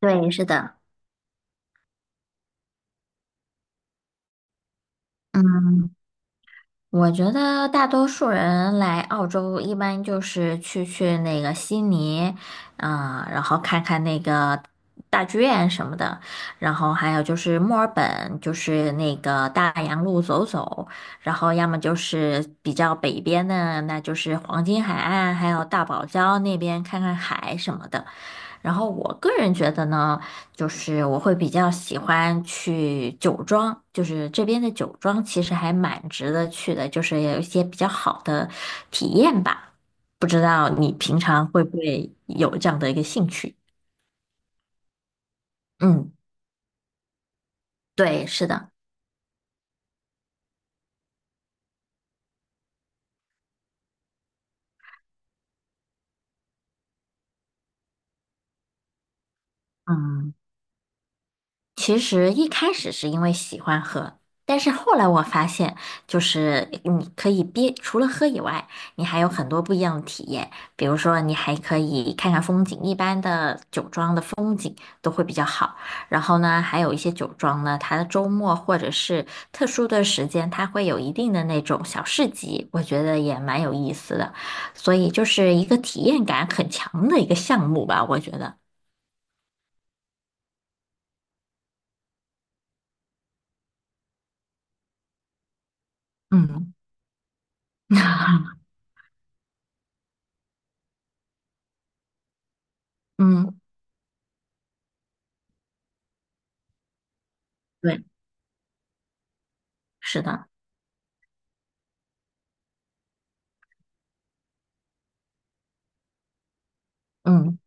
对，是的，嗯，我觉得大多数人来澳洲一般就是去那个悉尼，然后看看那个大剧院什么的，然后还有就是墨尔本，就是那个大洋路走走，然后要么就是比较北边的，那就是黄金海岸，还有大堡礁那边看看海什么的。然后我个人觉得呢。就是我会比较喜欢去酒庄，就是这边的酒庄其实还蛮值得去的，就是有一些比较好的体验吧。不知道你平常会不会有这样的一个兴趣？嗯，对，是的。嗯。其实一开始是因为喜欢喝，但是后来我发现，就是你可以除了喝以外，你还有很多不一样的体验。比如说，你还可以看看风景，一般的酒庄的风景都会比较好。然后呢，还有一些酒庄呢，它的周末或者是特殊的时间，它会有一定的那种小市集，我觉得也蛮有意思的。所以就是一个体验感很强的一个项目吧，我觉得。嗯嗯，对，是的，嗯。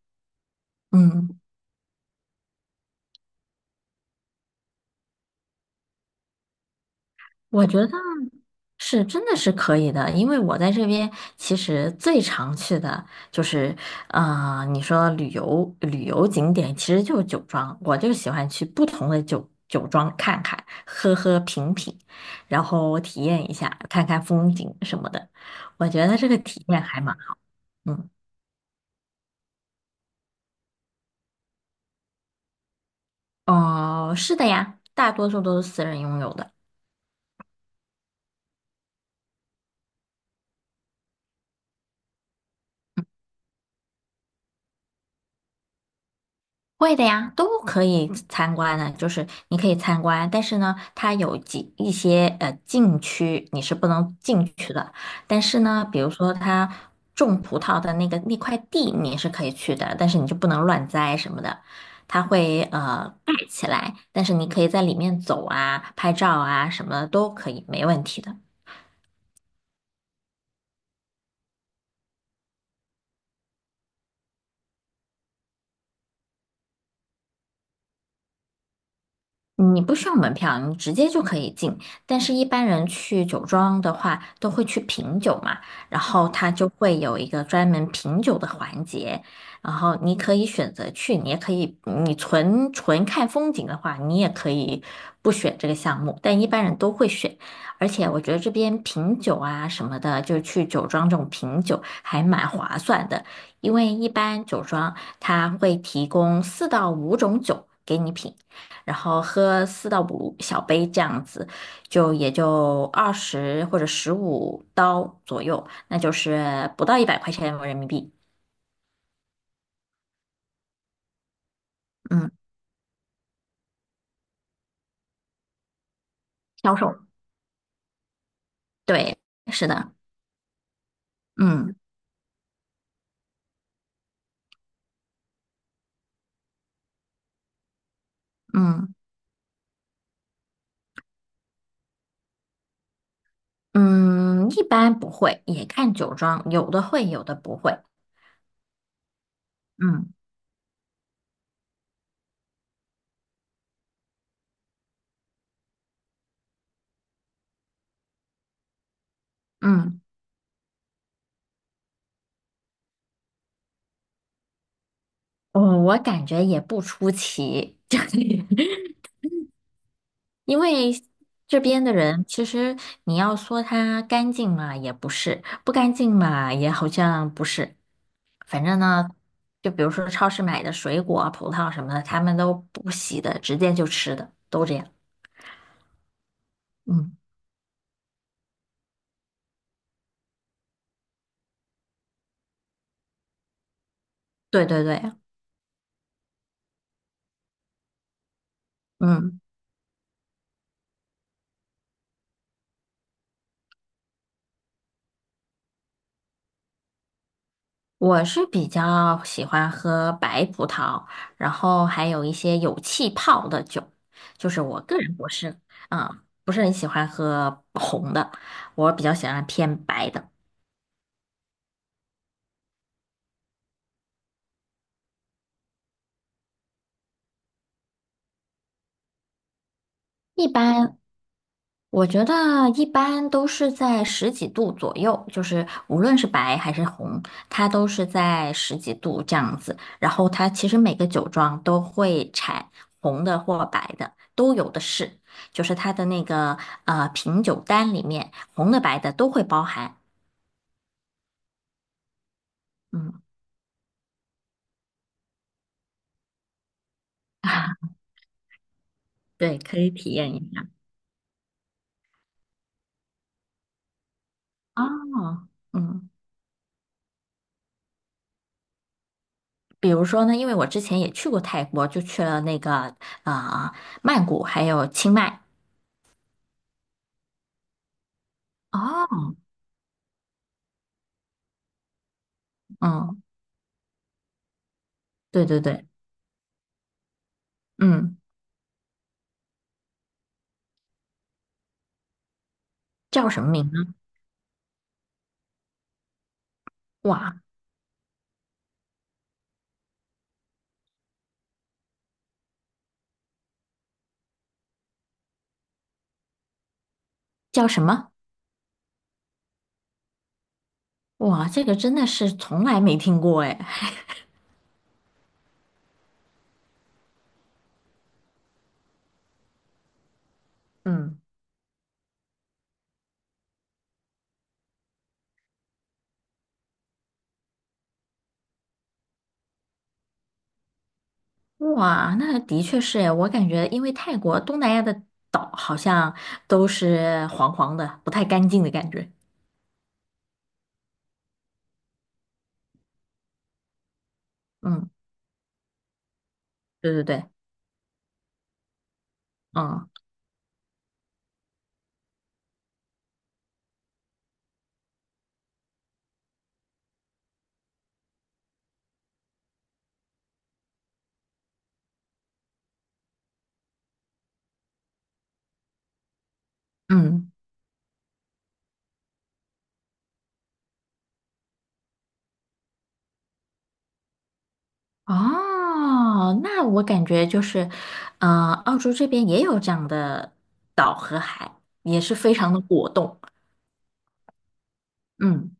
嗯我觉得是真的是可以的，因为我在这边其实最常去的就是，你说旅游景点其实就是酒庄，我就喜欢去不同的酒庄看看，喝喝品品，然后体验一下，看看风景什么的。我觉得这个体验还蛮好。嗯，哦，是的呀，大多数都是私人拥有的。会的呀，都可以嗯参观的，就是你可以参观，但是呢，它有一些禁区你是不能进去的，但是呢，比如说它种葡萄的那个那块地你是可以去的，但是你就不能乱栽什么的，它会盖起来，但是你可以在里面走啊、拍照啊什么的都可以，没问题的。你不需要门票，你直接就可以进。但是，一般人去酒庄的话，都会去品酒嘛，然后他就会有一个专门品酒的环节，然后你可以选择去，你也可以，你纯看风景的话，你也可以不选这个项目，但一般人都会选。而且，我觉得这边品酒啊什么的，就是去酒庄这种品酒还蛮划算的，因为一般酒庄它会提供4到5种酒给你品。然后喝4到5小杯这样子，就也就20或者15刀左右，那就是不到100块钱人民币。嗯，销售，对，是的，嗯嗯嗯，一般不会，也看酒庄，有的会，有的不会。嗯嗯，我感觉也不出奇，就是因为这边的人，其实你要说他干净嘛，也不是；不干净嘛，也好像不是。反正呢，就比如说超市买的水果啊、葡萄什么的，他们都不洗的，直接就吃的，都这样。嗯，对对对，嗯，我是比较喜欢喝白葡萄，然后还有一些有气泡的酒，就是我个人不是，不是很喜欢喝红的，我比较喜欢偏白的。一般我觉得一般都是在十几度左右，就是无论是白还是红，它都是在十几度这样子。然后它其实每个酒庄都会产红的或白的，都有的是，就是它的那个品酒单里面，红的白的都会包含。嗯 对，可以体验一下。哦，嗯，比如说呢，因为我之前也去过泰国，就去了那个啊、呃曼谷还有清迈。哦，嗯。对对对，嗯，叫什么名呢？哇，叫什么？哇，这个真的是从来没听过哎。嗯，哇，那的确是哎，我感觉因为泰国东南亚的岛好像都是黄黄的，不太干净的感觉。嗯，对对对，嗯嗯，哦，那我感觉就是，呃，澳洲这边也有这样的岛和海，也是非常的果冻。嗯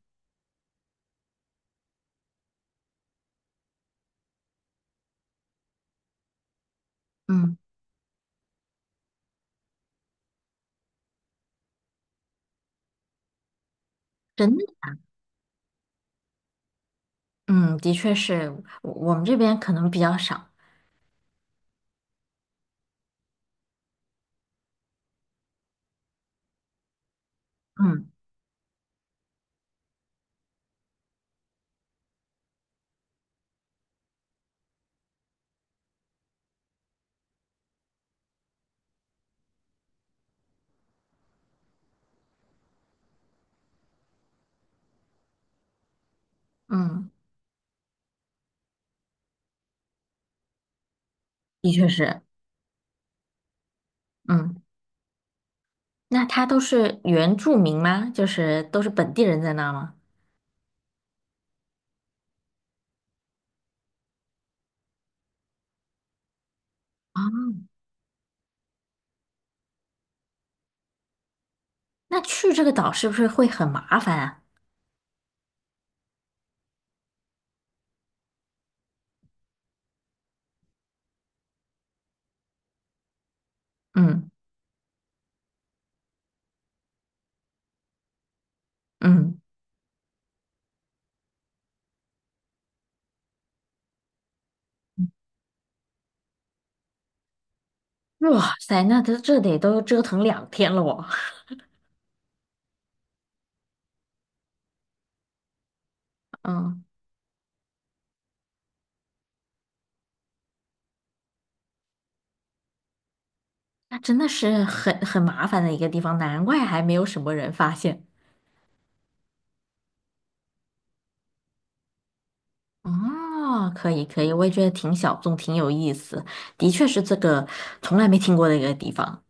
嗯。真的嗯，的确是，我们这边可能比较少。嗯嗯，的确是。嗯，那他都是原住民吗？就是都是本地人在那儿吗？那去这个岛是不是会很麻烦啊？嗯嗯，哇塞，那这得都折腾2天了我。嗯，那真的是很麻烦的一个地方，难怪还没有什么人发现。哦，可以可以，我也觉得挺小众，挺有意思，的确是这个从来没听过的一个地方。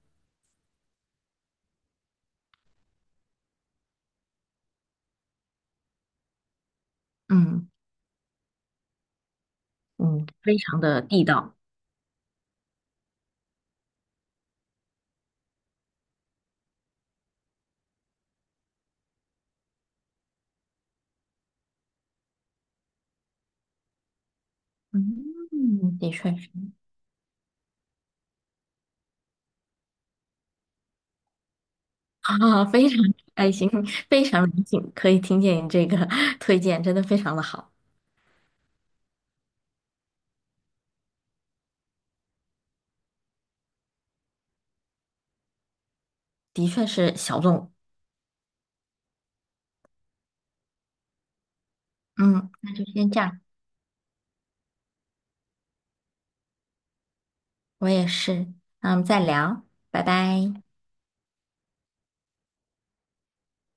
嗯。嗯非常的地道。嗯，的确是，啊，非常开心，非常荣幸可以听见你这个 推荐，真的非常的好，的确是小众。嗯，那就先这样，我也是。那我们再聊，拜拜。